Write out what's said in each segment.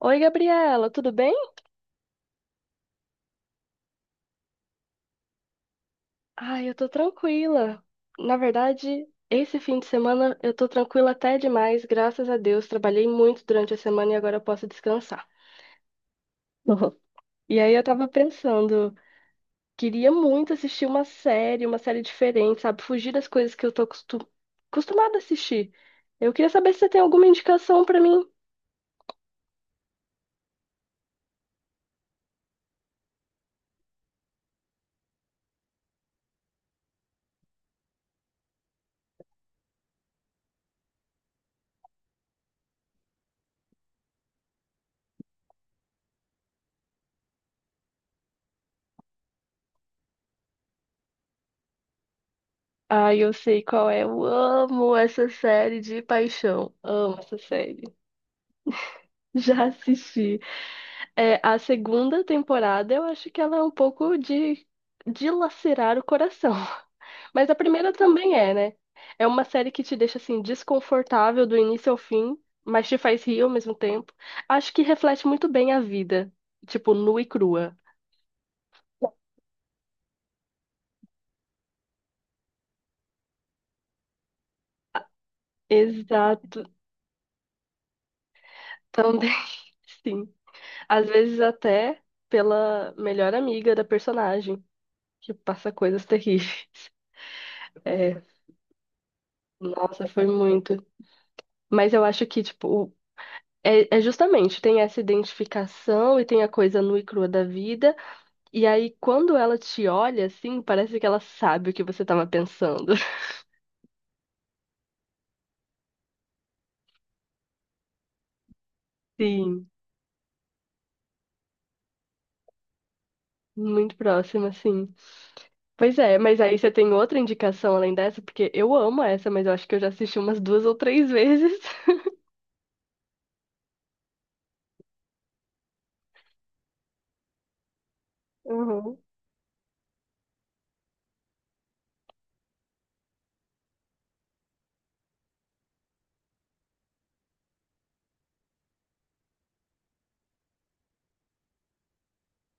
Oi, Gabriela, tudo bem? Ai, eu tô tranquila. Na verdade, esse fim de semana eu tô tranquila até demais, graças a Deus. Trabalhei muito durante a semana e agora eu posso descansar. E aí eu tava pensando, queria muito assistir uma série diferente, sabe? Fugir das coisas que acostumada a assistir. Eu queria saber se você tem alguma indicação pra mim. Ai, eu sei qual é. Eu amo essa série de paixão. Amo essa série. Já assisti. É, a segunda temporada, eu acho que ela é um pouco de dilacerar o coração. Mas a primeira também é, né? É uma série que te deixa assim desconfortável do início ao fim, mas te faz rir ao mesmo tempo. Acho que reflete muito bem a vida, tipo, nua e crua. Exato, também, sim. Às vezes até pela melhor amiga da personagem, que passa coisas terríveis. É, nossa, foi muito. Mas eu acho que, tipo, é justamente, tem essa identificação e tem a coisa nua e crua da vida. E aí, quando ela te olha, assim, parece que ela sabe o que você tava pensando. Sim, muito próxima, sim. Pois é, mas aí você tem outra indicação além dessa, porque eu amo essa, mas eu acho que eu já assisti umas duas ou três vezes. Uhum.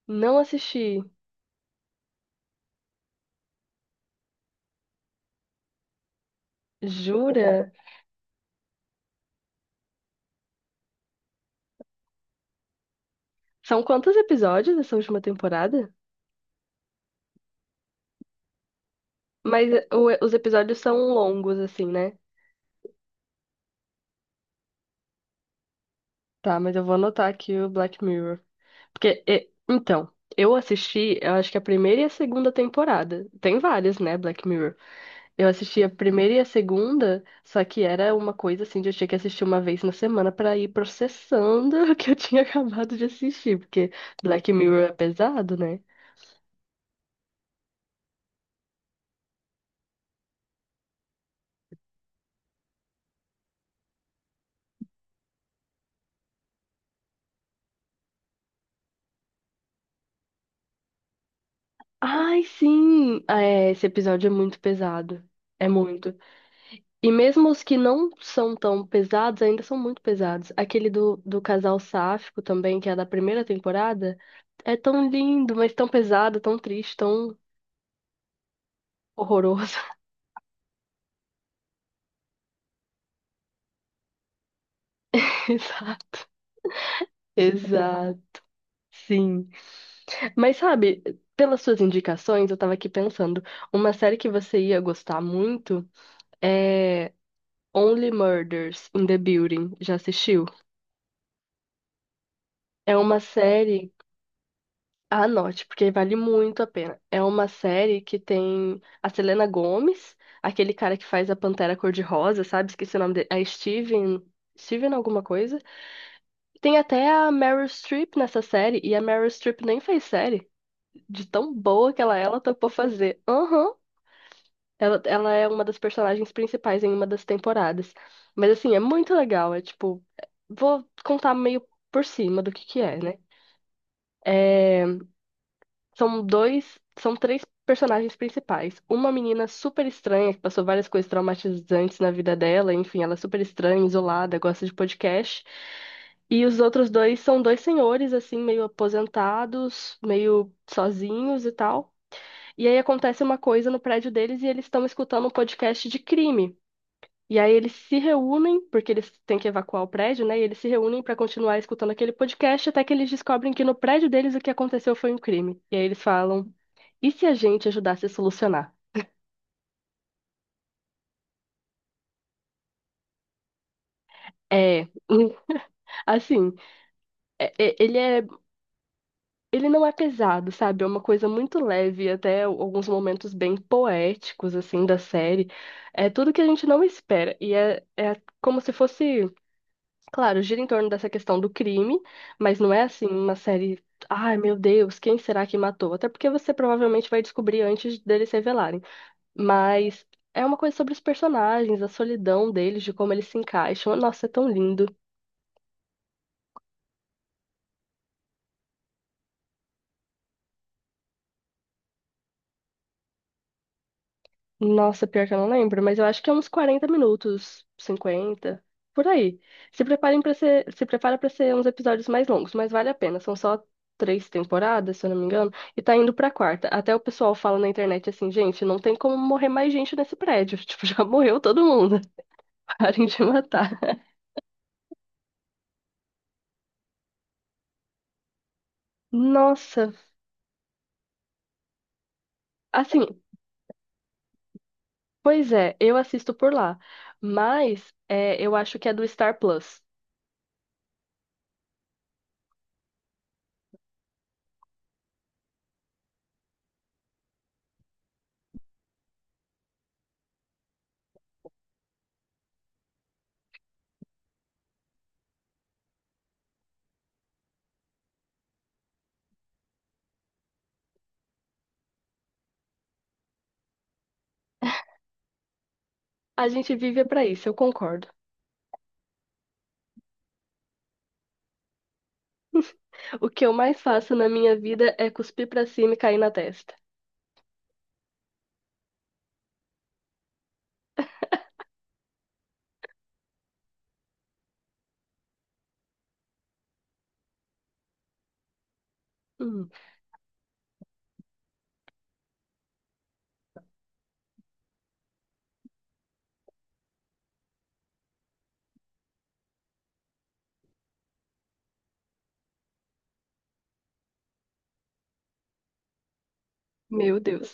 Não assisti. Jura? São quantos episódios essa última temporada? Mas os episódios são longos, assim, né? Tá, mas eu vou anotar aqui o Black Mirror. Então, eu assisti, eu acho que a primeira e a segunda temporada. Tem várias, né, Black Mirror. Eu assisti a primeira e a segunda, só que era uma coisa assim de eu tinha que assistir uma vez na semana pra ir processando o que eu tinha acabado de assistir, porque Black Mirror é pesado, né? Ai, sim! Ah, é, esse episódio é muito pesado. É muito. E mesmo os que não são tão pesados, ainda são muito pesados. Aquele do casal sáfico também, que é da primeira temporada, é tão lindo, mas tão pesado, tão triste, tão horroroso. Exato. Exato, sim. Mas sabe, pelas suas indicações, eu tava aqui pensando, uma série que você ia gostar muito é Only Murders in the Building. Já assistiu? É uma série Anote, porque vale muito a pena. É uma série que tem a Selena Gomez, aquele cara que faz a Pantera Cor-de-Rosa, sabe? Esqueci o nome dele. É Steven. Steven alguma coisa. Tem até a Meryl Streep nessa série, e a Meryl Streep nem fez série. De tão boa que ela é, ela topou fazer. Aham. Ela é uma das personagens principais em uma das temporadas. Mas assim, é muito legal. É tipo. Vou contar meio por cima do que é, né? É. São três personagens principais. Uma menina super estranha, que passou várias coisas traumatizantes na vida dela, enfim, ela é super estranha, isolada, gosta de podcast. E os outros dois são dois senhores, assim, meio aposentados, meio sozinhos e tal. E aí acontece uma coisa no prédio deles e eles estão escutando um podcast de crime. E aí eles se reúnem, porque eles têm que evacuar o prédio, né? E eles se reúnem para continuar escutando aquele podcast até que eles descobrem que no prédio deles o que aconteceu foi um crime. E aí eles falam. E se a gente ajudasse a solucionar? É, assim, é- é- ele é, ele não é pesado, sabe? É uma coisa muito leve, até alguns momentos bem poéticos, assim, da série. É tudo que a gente não espera. É como se fosse, claro, gira em torno dessa questão do crime, mas não é assim uma série, ai meu Deus, quem será que matou? Até porque você provavelmente vai descobrir antes deles se revelarem. Mas é uma coisa sobre os personagens, a solidão deles, de como eles se encaixam. Nossa, é tão lindo. Nossa, pior que eu não lembro, mas eu acho que é uns 40 minutos, cinquenta, por aí. Se prepara para ser uns episódios mais longos, mas vale a pena. São só três temporadas, se eu não me engano, e tá indo pra quarta. Até o pessoal fala na internet assim, gente, não tem como morrer mais gente nesse prédio. Tipo, já morreu todo mundo. Parem de matar. Nossa, assim, pois é, eu assisto por lá, mas eu acho que é do Star Plus. A gente vive pra isso, eu concordo. O que eu mais faço na minha vida é cuspir pra cima e cair na testa. Hum, meu Deus.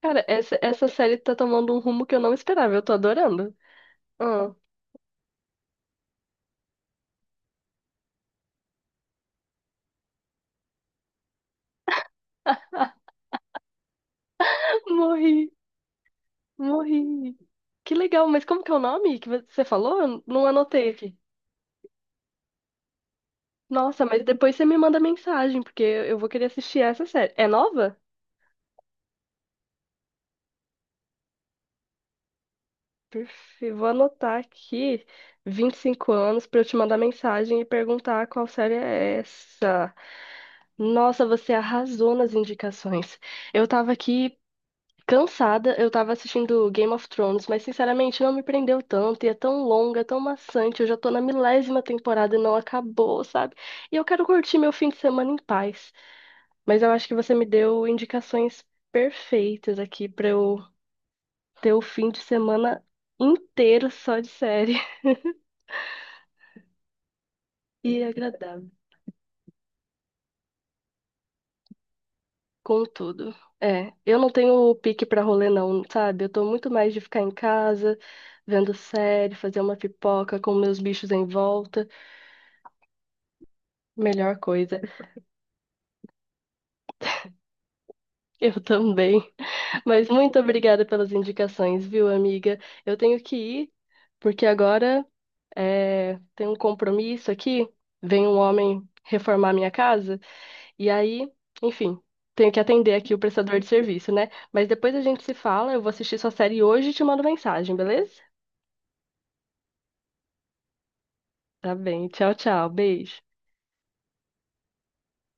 Cara, essa série tá tomando um rumo que eu não esperava. Eu tô adorando. Ah, morri, morri. Que legal, mas como que é o nome que você falou? Eu não anotei aqui. Nossa, mas depois você me manda mensagem, porque eu vou querer assistir essa série. É nova? Vou anotar aqui 25 anos para eu te mandar mensagem e perguntar qual série é essa. Nossa, você arrasou nas indicações. Eu tava aqui cansada, eu tava assistindo Game of Thrones, mas sinceramente não me prendeu tanto e é tão longa, é tão maçante. Eu já tô na milésima temporada e não acabou, sabe? E eu quero curtir meu fim de semana em paz. Mas eu acho que você me deu indicações perfeitas aqui para eu ter o fim de semana inteiro só de série e agradável. Contudo, é, eu não tenho pique pra rolê não, sabe? Eu tô muito mais de ficar em casa, vendo série, fazer uma pipoca com meus bichos em volta. Melhor coisa. Eu também. Mas muito obrigada pelas indicações, viu, amiga? Eu tenho que ir, porque agora é, tem um compromisso aqui. Vem um homem reformar minha casa. E aí, enfim, tenho que atender aqui o prestador de serviço, né? Mas depois a gente se fala, eu vou assistir sua série hoje e te mando mensagem, beleza? Tá bem, tchau, tchau, beijo.